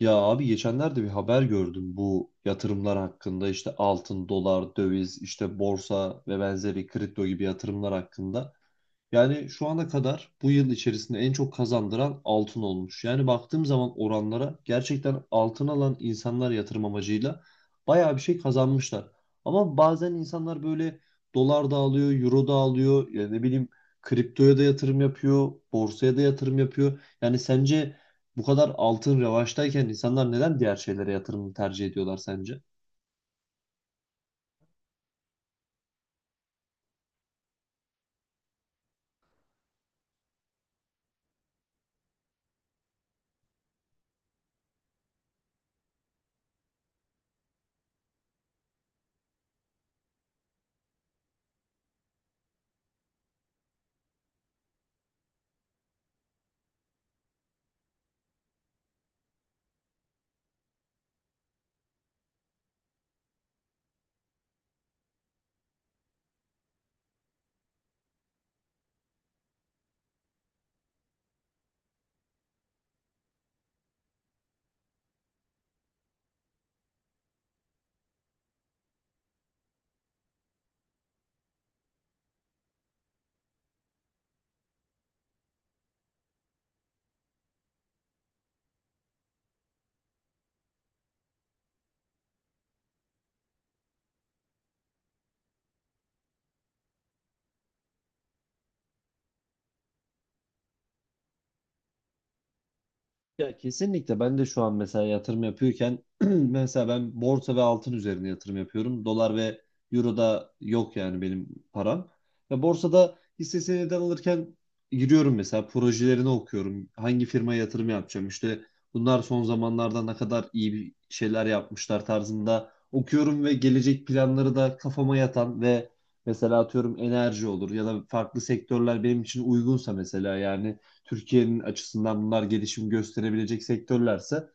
Ya abi geçenlerde bir haber gördüm bu yatırımlar hakkında işte altın, dolar, döviz, işte borsa ve benzeri kripto gibi yatırımlar hakkında. Yani şu ana kadar bu yıl içerisinde en çok kazandıran altın olmuş. Yani baktığım zaman oranlara gerçekten altın alan insanlar yatırım amacıyla bayağı bir şey kazanmışlar. Ama bazen insanlar böyle dolar da alıyor, euro da alıyor, ya ne bileyim kriptoya da yatırım yapıyor, borsaya da yatırım yapıyor. Yani sence bu kadar altın revaçtayken insanlar neden diğer şeylere yatırım tercih ediyorlar sence? Ya kesinlikle ben de şu an mesela yatırım yapıyorken mesela ben borsa ve altın üzerine yatırım yapıyorum. Dolar ve euro da yok yani benim param. Ve borsada hisse senedi alırken giriyorum mesela projelerini okuyorum. Hangi firmaya yatırım yapacağım işte bunlar son zamanlarda ne kadar iyi bir şeyler yapmışlar tarzında okuyorum ve gelecek planları da kafama yatan ve mesela atıyorum enerji olur ya da farklı sektörler benim için uygunsa mesela yani Türkiye'nin açısından bunlar gelişim gösterebilecek sektörlerse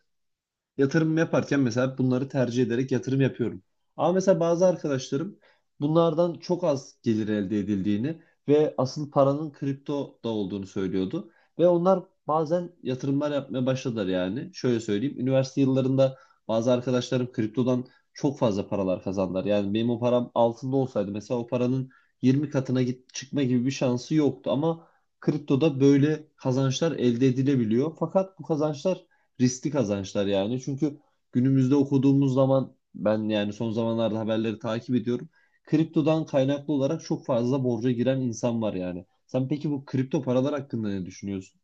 yatırım yaparken mesela bunları tercih ederek yatırım yapıyorum. Ama mesela bazı arkadaşlarım bunlardan çok az gelir elde edildiğini ve asıl paranın kriptoda olduğunu söylüyordu. Ve onlar bazen yatırımlar yapmaya başladılar yani. Şöyle söyleyeyim, üniversite yıllarında bazı arkadaşlarım kriptodan çok fazla paralar kazandılar. Yani benim o param altında olsaydı mesela o paranın 20 katına git çıkma gibi bir şansı yoktu ama kriptoda böyle kazançlar elde edilebiliyor. Fakat bu kazançlar riskli kazançlar yani. Çünkü günümüzde okuduğumuz zaman ben yani son zamanlarda haberleri takip ediyorum. Kriptodan kaynaklı olarak çok fazla borca giren insan var yani. Sen peki bu kripto paralar hakkında ne düşünüyorsun?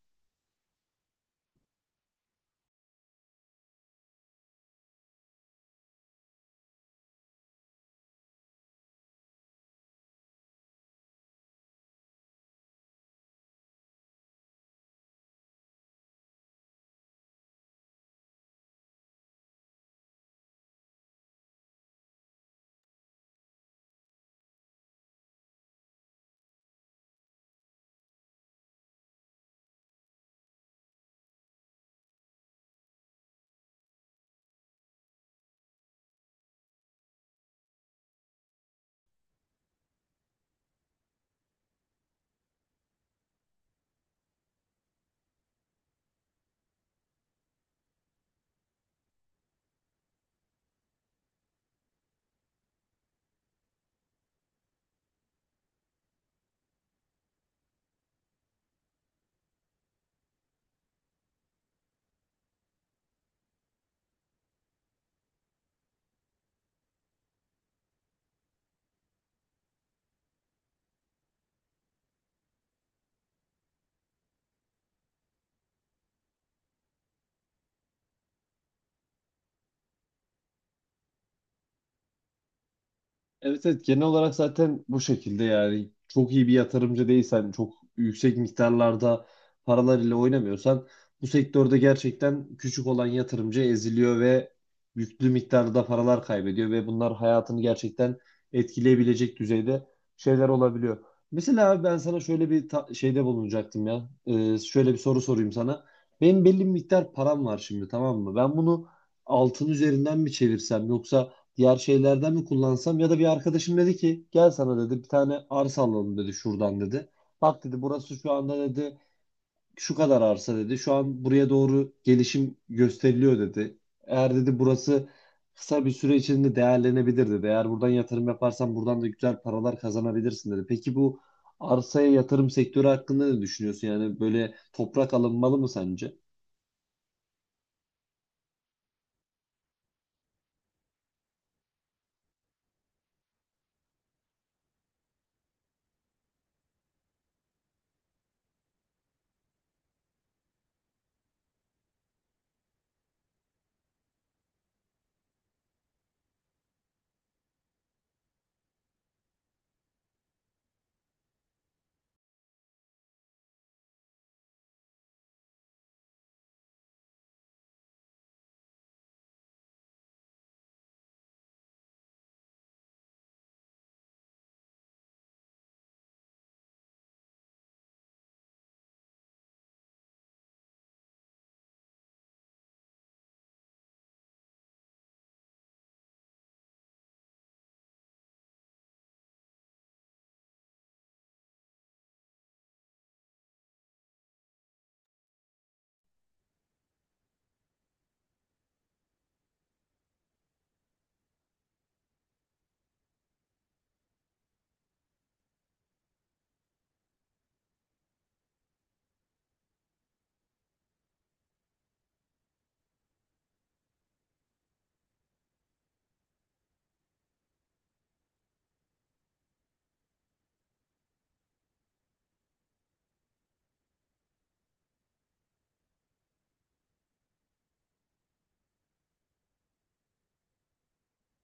Evet, evet, genel olarak zaten bu şekilde yani çok iyi bir yatırımcı değilsen çok yüksek miktarlarda paralar ile oynamıyorsan bu sektörde gerçekten küçük olan yatırımcı eziliyor ve yüklü miktarda paralar kaybediyor ve bunlar hayatını gerçekten etkileyebilecek düzeyde şeyler olabiliyor. Mesela abi ben sana şöyle bir şeyde bulunacaktım ya. Şöyle bir soru sorayım sana. Benim belli bir miktar param var şimdi, tamam mı? Ben bunu altın üzerinden mi çevirsem yoksa diğer şeylerden mi kullansam ya da bir arkadaşım dedi ki gel sana dedi bir tane arsa alalım dedi şuradan dedi. Bak dedi burası şu anda dedi şu kadar arsa dedi. Şu an buraya doğru gelişim gösteriliyor dedi. Eğer dedi burası kısa bir süre içinde değerlenebilir dedi. Eğer buradan yatırım yaparsan buradan da güzel paralar kazanabilirsin dedi. Peki bu arsaya yatırım sektörü hakkında ne düşünüyorsun? Yani böyle toprak alınmalı mı sence?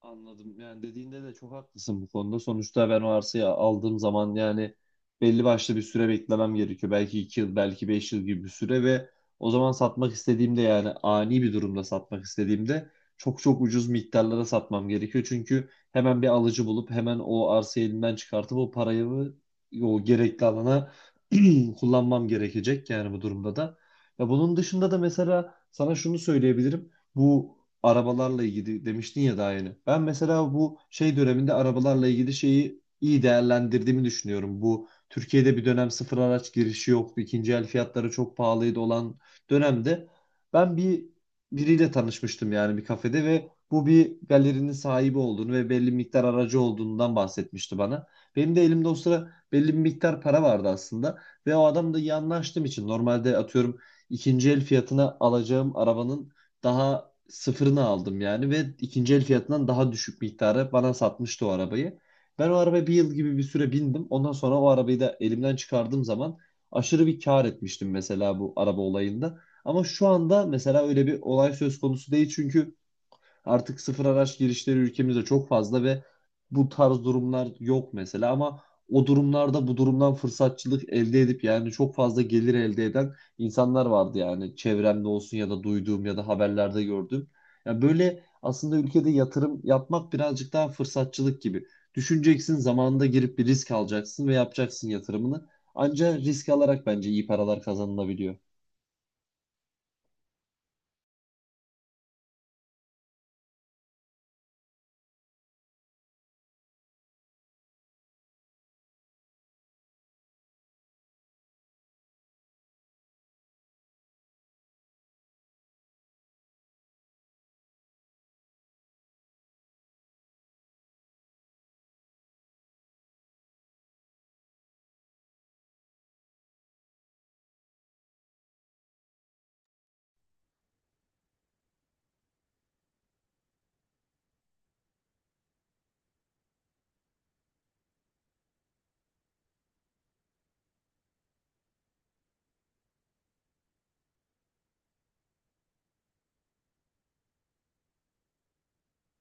Anladım. Yani dediğinde de çok haklısın bu konuda. Sonuçta ben o arsayı aldığım zaman yani belli başlı bir süre beklemem gerekiyor. Belki iki yıl, belki beş yıl gibi bir süre ve o zaman satmak istediğimde yani ani bir durumda satmak istediğimde çok çok ucuz miktarlara satmam gerekiyor. Çünkü hemen bir alıcı bulup hemen o arsayı elimden çıkartıp o parayı o gerekli alana kullanmam gerekecek yani, bu durumda da. Ya bunun dışında da mesela sana şunu söyleyebilirim. Bu arabalarla ilgili demiştin ya daha yeni. Ben mesela bu şey döneminde arabalarla ilgili şeyi iyi değerlendirdiğimi düşünüyorum. Bu Türkiye'de bir dönem sıfır araç girişi yoktu. İkinci el fiyatları çok pahalıydı olan dönemde ben biriyle tanışmıştım yani bir kafede ve bu bir galerinin sahibi olduğunu ve belli miktar aracı olduğundan bahsetmişti bana. Benim de elimde o sıra belli bir miktar para vardı aslında ve o adamla iyi anlaştığım için normalde atıyorum ikinci el fiyatına alacağım arabanın daha sıfırını aldım yani ve ikinci el fiyatından daha düşük miktara bana satmıştı o arabayı. Ben o arabaya bir yıl gibi bir süre bindim. Ondan sonra o arabayı da elimden çıkardığım zaman aşırı bir kar etmiştim mesela bu araba olayında. Ama şu anda mesela öyle bir olay söz konusu değil çünkü artık sıfır araç girişleri ülkemizde çok fazla ve bu tarz durumlar yok mesela ama o durumlarda bu durumdan fırsatçılık elde edip yani çok fazla gelir elde eden insanlar vardı yani, çevremde olsun ya da duyduğum ya da haberlerde gördüğüm. Yani böyle aslında ülkede yatırım yapmak birazcık daha fırsatçılık gibi. Düşüneceksin, zamanında girip bir risk alacaksın ve yapacaksın yatırımını. Ancak risk alarak bence iyi paralar kazanılabiliyor.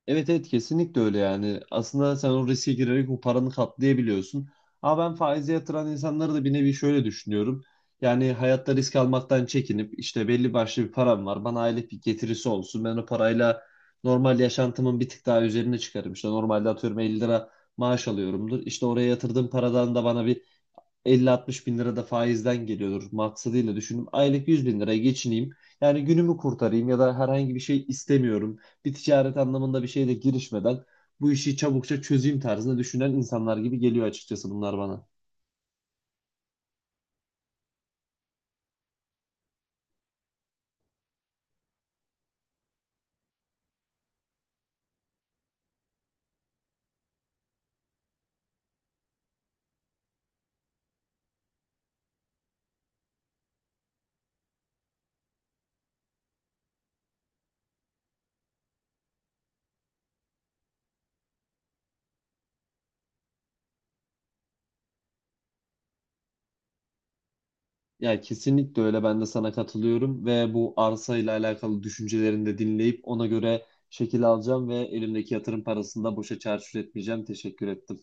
Evet, evet, kesinlikle öyle yani. Aslında sen o riske girerek o paranı katlayabiliyorsun. Ama ben faize yatıran insanları da bir nevi şöyle düşünüyorum. Yani hayatta risk almaktan çekinip işte belli başlı bir param var. Bana aylık bir getirisi olsun. Ben o parayla normal yaşantımın bir tık daha üzerine çıkarım. İşte normalde atıyorum 50 lira maaş alıyorumdur. İşte oraya yatırdığım paradan da bana bir 50-60 bin lira da faizden geliyordur maksadıyla düşündüm. Aylık 100 bin liraya geçineyim. Yani günümü kurtarayım ya da herhangi bir şey istemiyorum. Bir ticaret anlamında bir şeyle girişmeden bu işi çabukça çözeyim tarzında düşünen insanlar gibi geliyor açıkçası bunlar bana. Ya kesinlikle öyle, ben de sana katılıyorum ve bu arsa ile alakalı düşüncelerini de dinleyip ona göre şekil alacağım ve elimdeki yatırım parasını da boşa çarçur etmeyeceğim. Teşekkür ettim.